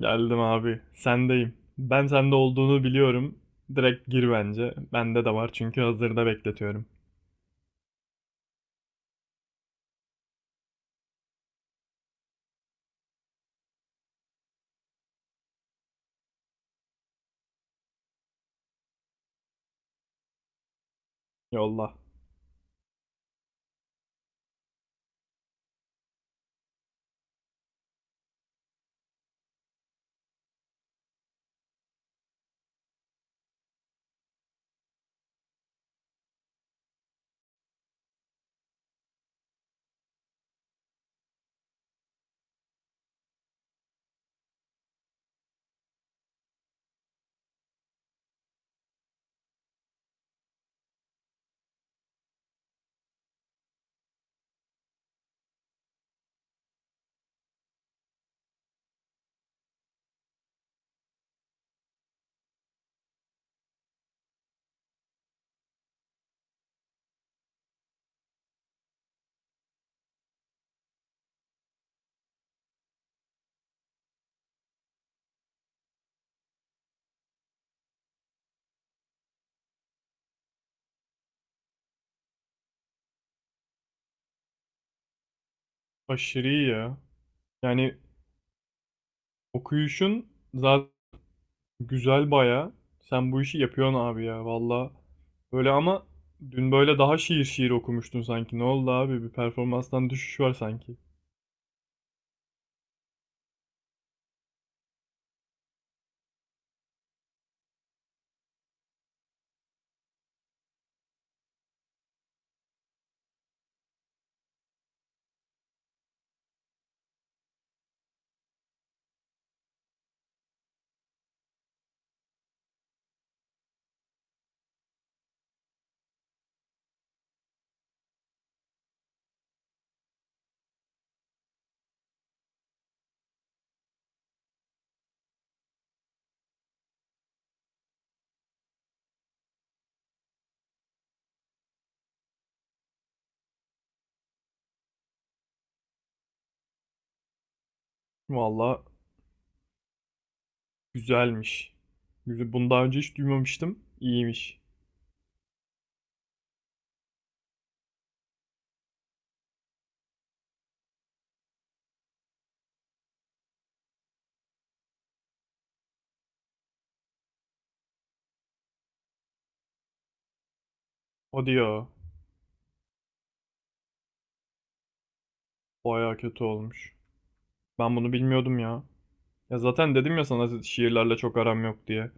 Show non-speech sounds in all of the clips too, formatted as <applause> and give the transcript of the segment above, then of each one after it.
Geldim abi. Sendeyim. Ben sende olduğunu biliyorum. Direkt gir bence. Bende de var çünkü hazırda bekletiyorum. Yolla. Aşırı iyi ya. Yani okuyuşun zaten güzel baya. Sen bu işi yapıyorsun abi ya valla. Böyle ama dün böyle daha şiir okumuştun sanki. Ne oldu abi? Bir performanstan düşüş var sanki. Valla güzelmiş. Güzel. Bunu daha önce hiç duymamıştım. İyiymiş. Hadi ya. Baya kötü olmuş. Ben bunu bilmiyordum ya. Ya zaten dedim ya sana şiirlerle çok aram yok diye.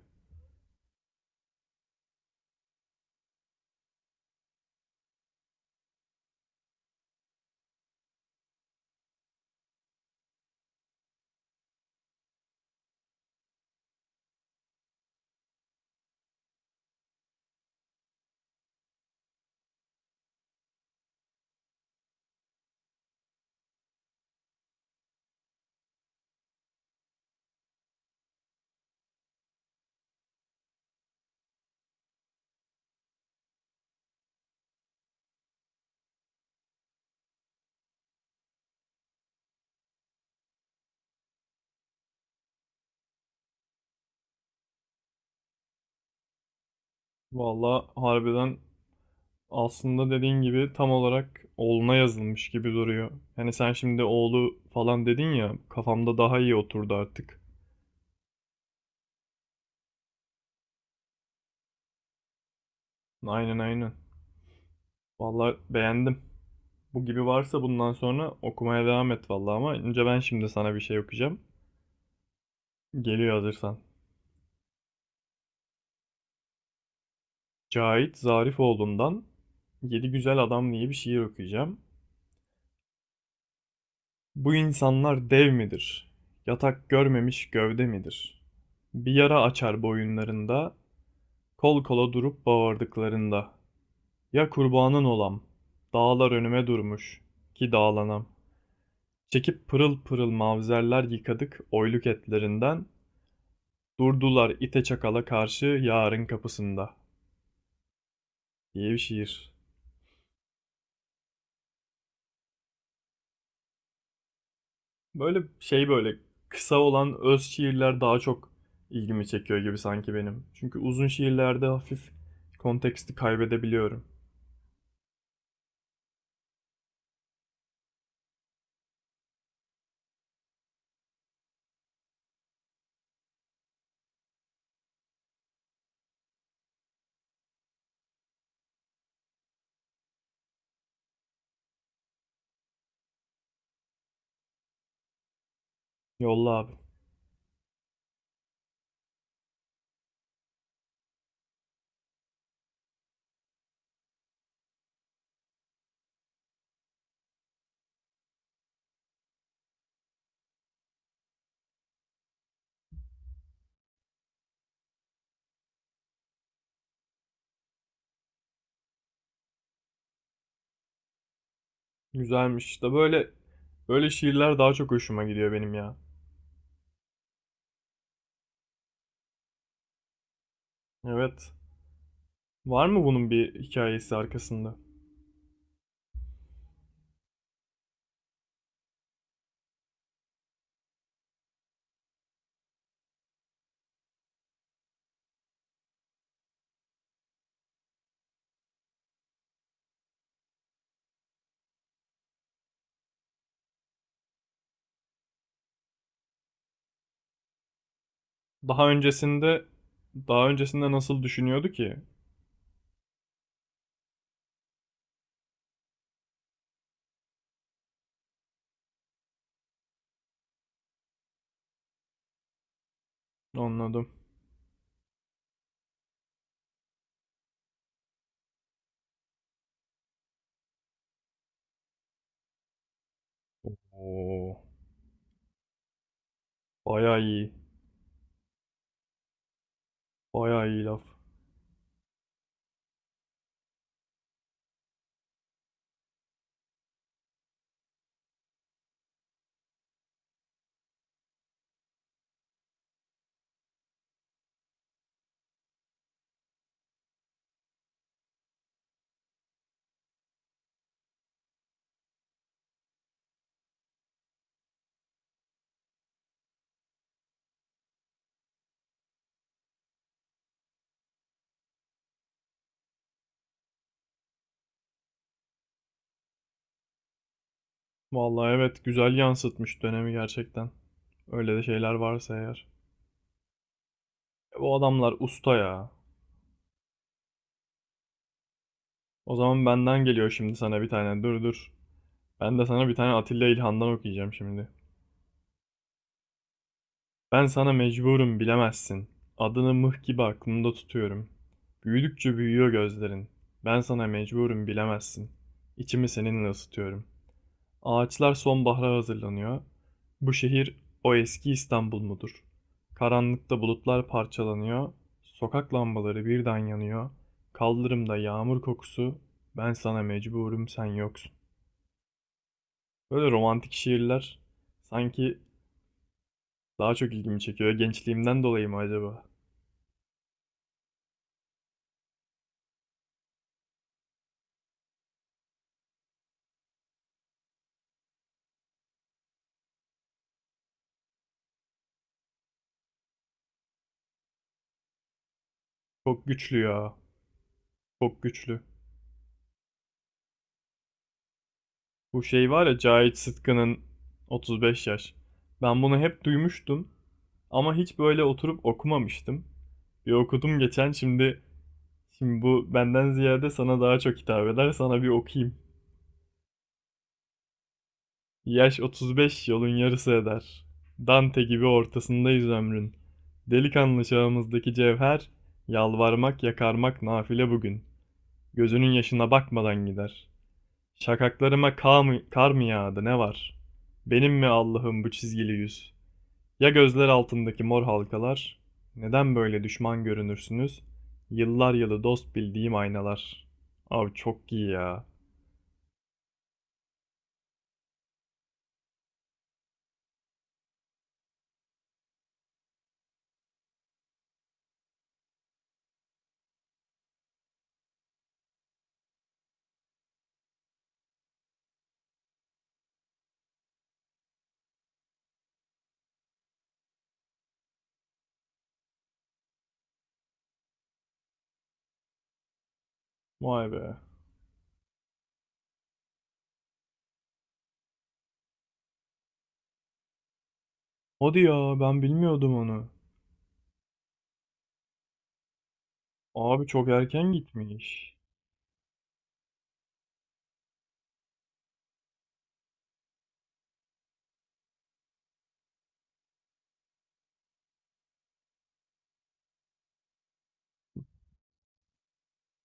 Valla harbiden aslında dediğin gibi tam olarak oğluna yazılmış gibi duruyor. Yani sen şimdi oğlu falan dedin ya kafamda daha iyi oturdu artık. Aynen aynen. Valla beğendim. Bu gibi varsa bundan sonra okumaya devam et valla ama önce ben şimdi sana bir şey okuyacağım. Geliyor hazırsan. Cahit Zarifoğlu'ndan Yedi Güzel Adam diye bir şiir okuyacağım. Bu insanlar dev midir? Yatak görmemiş gövde midir? Bir yara açar boyunlarında, kol kola durup bağırdıklarında. Ya kurbanın olam, dağlar önüme durmuş, ki dağlanam. Çekip pırıl pırıl mavzerler yıkadık oyluk etlerinden, durdular ite çakala karşı yarın kapısında. Diye bir şiir. Böyle şey böyle kısa olan öz şiirler daha çok ilgimi çekiyor gibi sanki benim. Çünkü uzun şiirlerde hafif konteksti kaybedebiliyorum. Yolla abi. Güzelmiş. İşte böyle şiirler daha çok hoşuma gidiyor benim ya. Evet. Var mı bunun bir hikayesi arkasında? Daha öncesinde daha öncesinde nasıl düşünüyordu ki? Anladım. Oo, bayağı iyi. Bayağı iyi laf. Vallahi evet güzel yansıtmış dönemi gerçekten. Öyle de şeyler varsa eğer. E, bu adamlar usta ya. O zaman benden geliyor şimdi sana bir tane. Dur. Ben de sana bir tane Atilla İlhan'dan okuyacağım şimdi. Ben sana mecburum bilemezsin. Adını mıh gibi aklımda tutuyorum. Büyüdükçe büyüyor gözlerin. Ben sana mecburum bilemezsin. İçimi seninle ısıtıyorum. Ağaçlar sonbahara hazırlanıyor. Bu şehir o eski İstanbul mudur? Karanlıkta bulutlar parçalanıyor. Sokak lambaları birden yanıyor. Kaldırımda yağmur kokusu. Ben sana mecburum sen yoksun. Böyle romantik şiirler sanki daha çok ilgimi çekiyor. Gençliğimden dolayı mı acaba? Çok güçlü ya. Çok güçlü. Bu şey var ya Cahit Sıtkı'nın 35 yaş. Ben bunu hep duymuştum. Ama hiç böyle oturup okumamıştım. Bir okudum geçen şimdi. Şimdi bu benden ziyade sana daha çok hitap eder. Sana bir okuyayım. Yaş 35 yolun yarısı eder. Dante gibi ortasındayız ömrün. Delikanlı çağımızdaki cevher, yalvarmak yakarmak nafile bugün. Gözünün yaşına bakmadan gider. Şakaklarıma kar mı, kar mı yağdı ne var? Benim mi Allah'ım bu çizgili yüz? Ya gözler altındaki mor halkalar? Neden böyle düşman görünürsünüz? Yıllar yılı dost bildiğim aynalar. Abi çok iyi ya. Vay be. Hadi ya ben bilmiyordum onu. Abi çok erken gitmiş.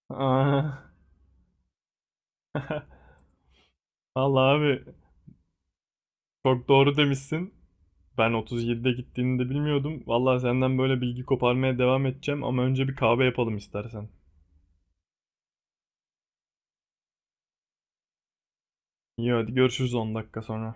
Aa. <laughs> Vallahi abi çok doğru demişsin. Ben 37'de gittiğini de bilmiyordum. Vallahi senden böyle bilgi koparmaya devam edeceğim ama önce bir kahve yapalım istersen. İyi hadi görüşürüz 10 dakika sonra.